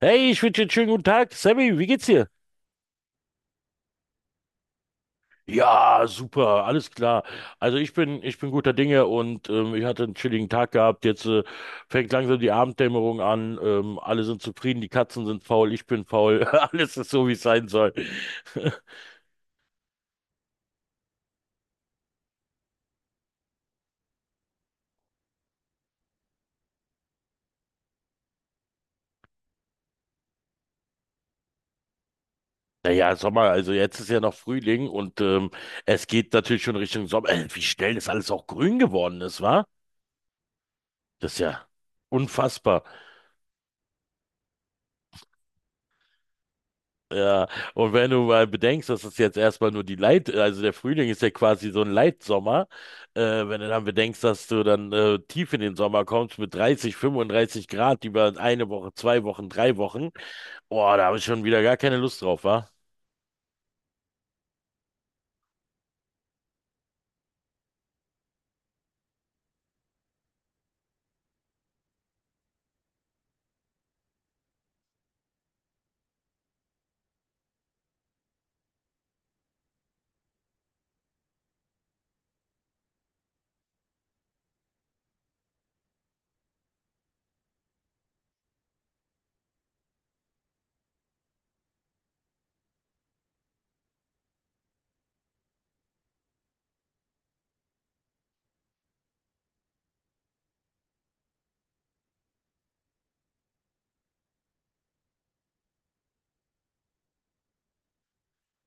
Hey, ich wünsche dir einen schönen guten Tag. Sammy, wie geht's dir? Ja, super, alles klar. Also ich bin guter Dinge und ich hatte einen chilligen Tag gehabt. Jetzt fängt langsam die Abenddämmerung an. Alle sind zufrieden, die Katzen sind faul, ich bin faul. Alles ist so, wie es sein soll. Naja, Sommer, also jetzt ist ja noch Frühling und es geht natürlich schon Richtung Sommer. Wie schnell das alles auch grün geworden ist, wa? Das ist ja unfassbar. Ja, und wenn du mal bedenkst, dass es jetzt erstmal nur die Leit, also der Frühling ist ja quasi so ein Leitsommer, äh, wenn du dann bedenkst, dass du dann tief in den Sommer kommst mit 30, 35 Grad über eine Woche, zwei Wochen, drei Wochen, boah, da habe ich schon wieder gar keine Lust drauf, wa?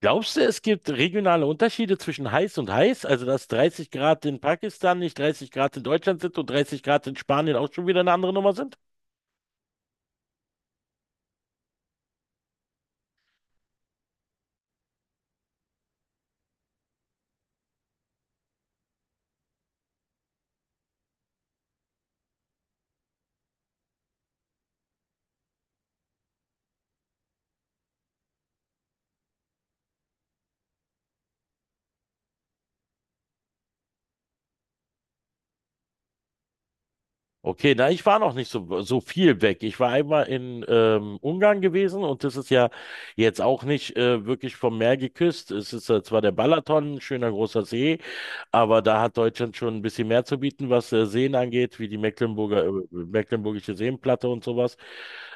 Glaubst du, es gibt regionale Unterschiede zwischen heiß und heiß? Also, dass 30 Grad in Pakistan nicht 30 Grad in Deutschland sind und 30 Grad in Spanien auch schon wieder eine andere Nummer sind? Okay, na, ich war noch nicht so viel weg. Ich war einmal in Ungarn gewesen und das ist ja jetzt auch nicht wirklich vom Meer geküsst. Es ist zwar der Balaton, ein schöner großer See, aber da hat Deutschland schon ein bisschen mehr zu bieten, was Seen angeht, wie die Mecklenburgische Seenplatte und sowas.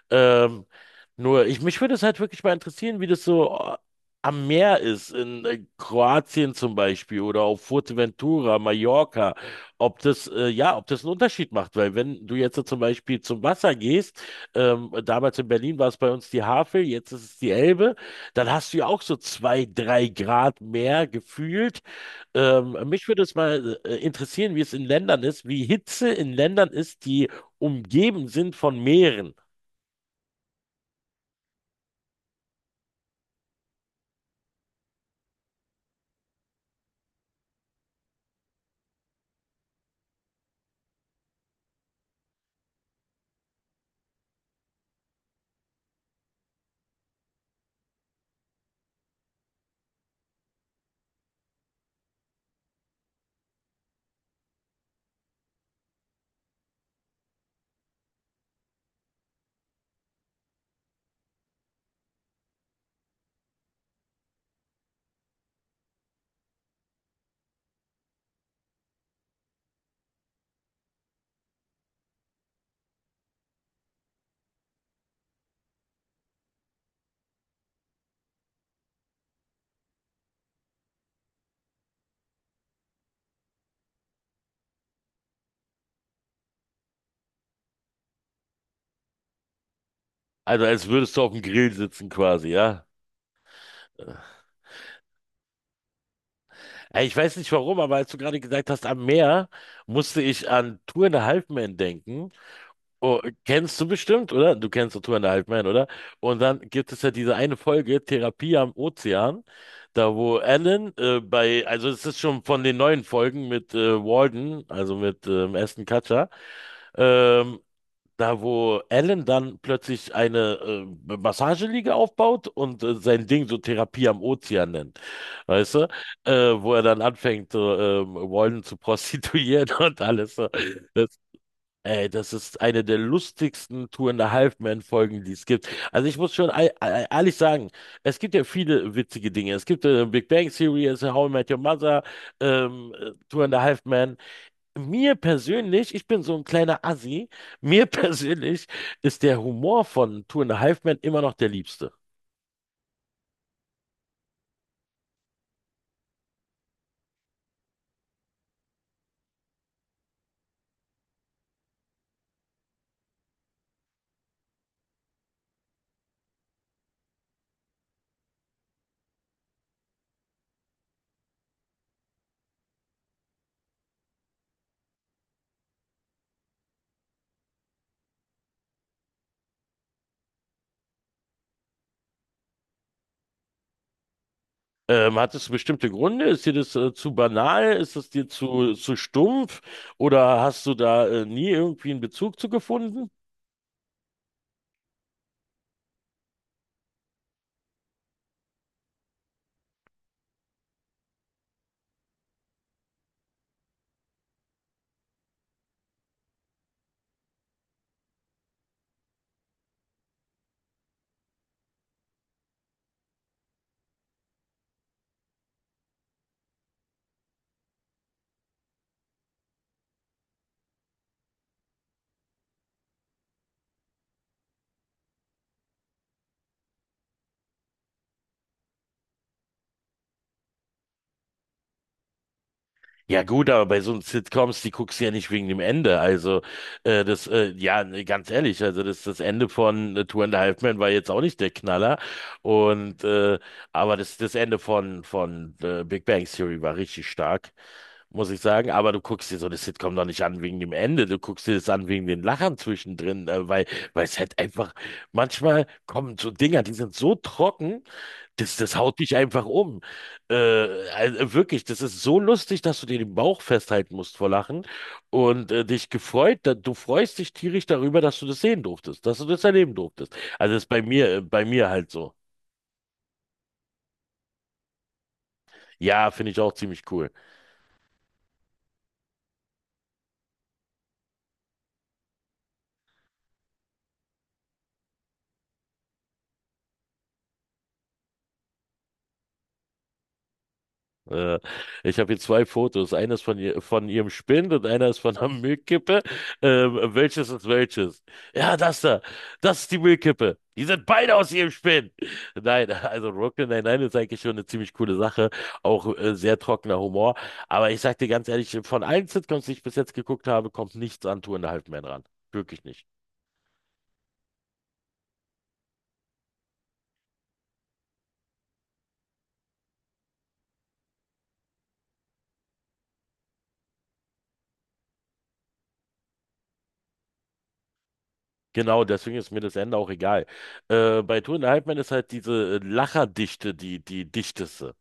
Ähm, nur, ich, mich würde es halt wirklich mal interessieren, wie das so am Meer ist, in Kroatien zum Beispiel oder auf Fuerteventura, Mallorca, ob ob das einen Unterschied macht, weil wenn du jetzt so zum Beispiel zum Wasser gehst, damals in Berlin war es bei uns die Havel, jetzt ist es die Elbe, dann hast du ja auch so zwei, drei Grad mehr gefühlt. Mich würde es mal interessieren, wie es in Ländern ist, wie Hitze in Ländern ist, die umgeben sind von Meeren. Also als würdest du auf dem Grill sitzen quasi, ja? Äh, Ich weiß nicht warum, aber als du gerade gesagt hast, am Meer, musste ich an Two and a Half Men denken. Oh, kennst du bestimmt, oder? Du kennst doch Two and a Half Men, oder? Und dann gibt es ja diese eine Folge, Therapie am Ozean, da wo also es ist schon von den neuen Folgen mit Walden, also mit Ashton Kutcher, ähm, da, wo Alan dann plötzlich eine Massageliege aufbaut und sein Ding so Therapie am Ozean nennt. Weißt du? Äh, wo er dann anfängt, Walden zu prostituieren und alles. So. Das, ey, das ist eine der lustigsten Tour in a Half Men-Folgen, die es gibt. Also ich muss schon ehrlich sagen, es gibt ja viele witzige Dinge. Es gibt Big Bang Theory, es ist How I Met Your Mother, Two and a Half Men. Mir persönlich, ich bin so ein kleiner Assi, mir persönlich ist der Humor von Two and a Half Men immer noch der liebste. Hat es bestimmte Gründe? Ist dir das zu banal? Ist es dir zu stumpf? Oder hast du da nie irgendwie einen Bezug zu gefunden? Ja gut, aber bei so einem Sitcoms, die guckst du ja nicht wegen dem Ende. Also nee, ganz ehrlich, also das Ende von Two and a Half Men war jetzt auch nicht der Knaller. Und aber das Ende von Big Bang Theory war richtig stark, muss ich sagen. Aber du guckst dir so eine Sitcom doch nicht an wegen dem Ende. Du guckst dir das an wegen den Lachern zwischendrin, weil weil es halt einfach manchmal kommen so Dinger, die sind so trocken. Das, das haut dich einfach um. Äh, wirklich, das ist so lustig, dass du dir den Bauch festhalten musst vor Lachen und dich gefreut, da, du freust dich tierisch darüber, dass du das sehen durftest, dass du das erleben durftest. Also das ist bei mir halt so. Ja, finde ich auch ziemlich cool. Äh, ich habe hier zwei Fotos. Eines von, ihr, von ihrem Spind und eines von einer Müllkippe. Welches ist welches? Ja, das da. Das ist die Müllkippe. Die sind beide aus ihrem Spind. Nein, also Brooklyn Nine-Nine ist eigentlich schon eine ziemlich coole Sache. Auch sehr trockener Humor. Aber ich sag dir ganz ehrlich, von allen Sitcoms, die ich bis jetzt geguckt habe, kommt nichts an Two and a Half Men ran. Wirklich nicht. Genau, deswegen ist mir das Ende auch egal. Bei Two and a Half Men ist halt diese Lacherdichte die, die dichteste.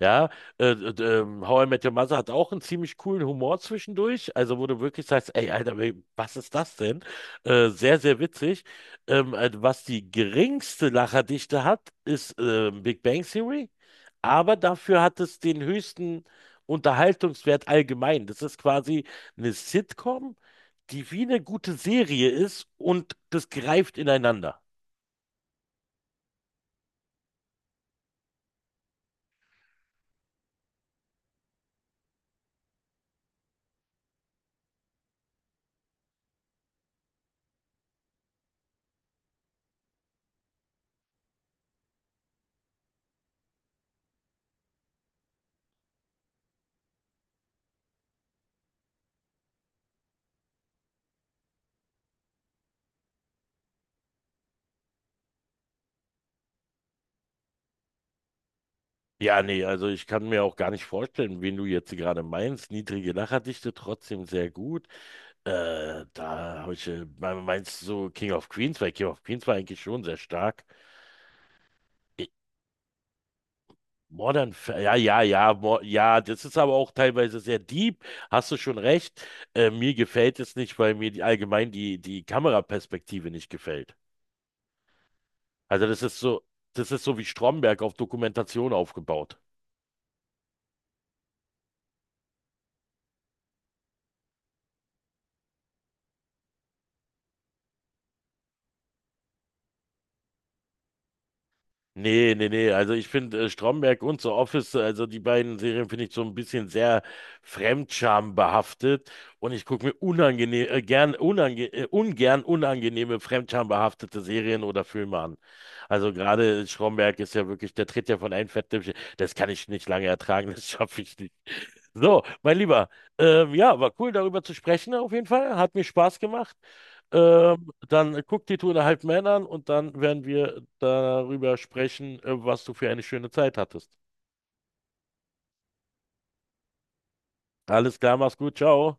Ja, How I Met Your Mother hat auch einen ziemlich coolen Humor zwischendurch, also wo du wirklich sagst, ey, Alter, was ist das denn? Sehr, sehr witzig. Was die geringste Lacherdichte hat, ist Big Bang Theory, aber dafür hat es den höchsten Unterhaltungswert allgemein. Das ist quasi eine Sitcom, die wie eine gute Serie ist und das greift ineinander. Ja, nee, also ich kann mir auch gar nicht vorstellen, wen du jetzt gerade meinst. Niedrige Lacherdichte, trotzdem sehr gut. Da habe ich, me- Meinst du so King of Queens? Weil King of Queens war eigentlich schon sehr stark. Ich- Modern, ja, das ist aber auch teilweise sehr deep. Hast du schon recht. Mir gefällt es nicht, weil mir die, allgemein die, die Kameraperspektive nicht gefällt. Also das ist so wie Stromberg auf Dokumentation aufgebaut. Nee, nee, nee. Also ich finde Stromberg und The Office, also die beiden Serien finde ich so ein bisschen sehr fremdschambehaftet und ich gucke mir unangenehm, gern, unange ungern unangenehme fremdschambehaftete Serien oder Filme an. Also gerade Stromberg ist ja wirklich, der tritt ja von einem Fettnäpfchen. Das kann ich nicht lange ertragen, das schaffe ich nicht. So, mein Lieber, ja, war cool darüber zu sprechen auf jeden Fall. Hat mir Spaß gemacht. Dann guck die Tour der Halbmänner an und dann werden wir darüber sprechen, was du für eine schöne Zeit hattest. Alles klar, mach's gut, ciao.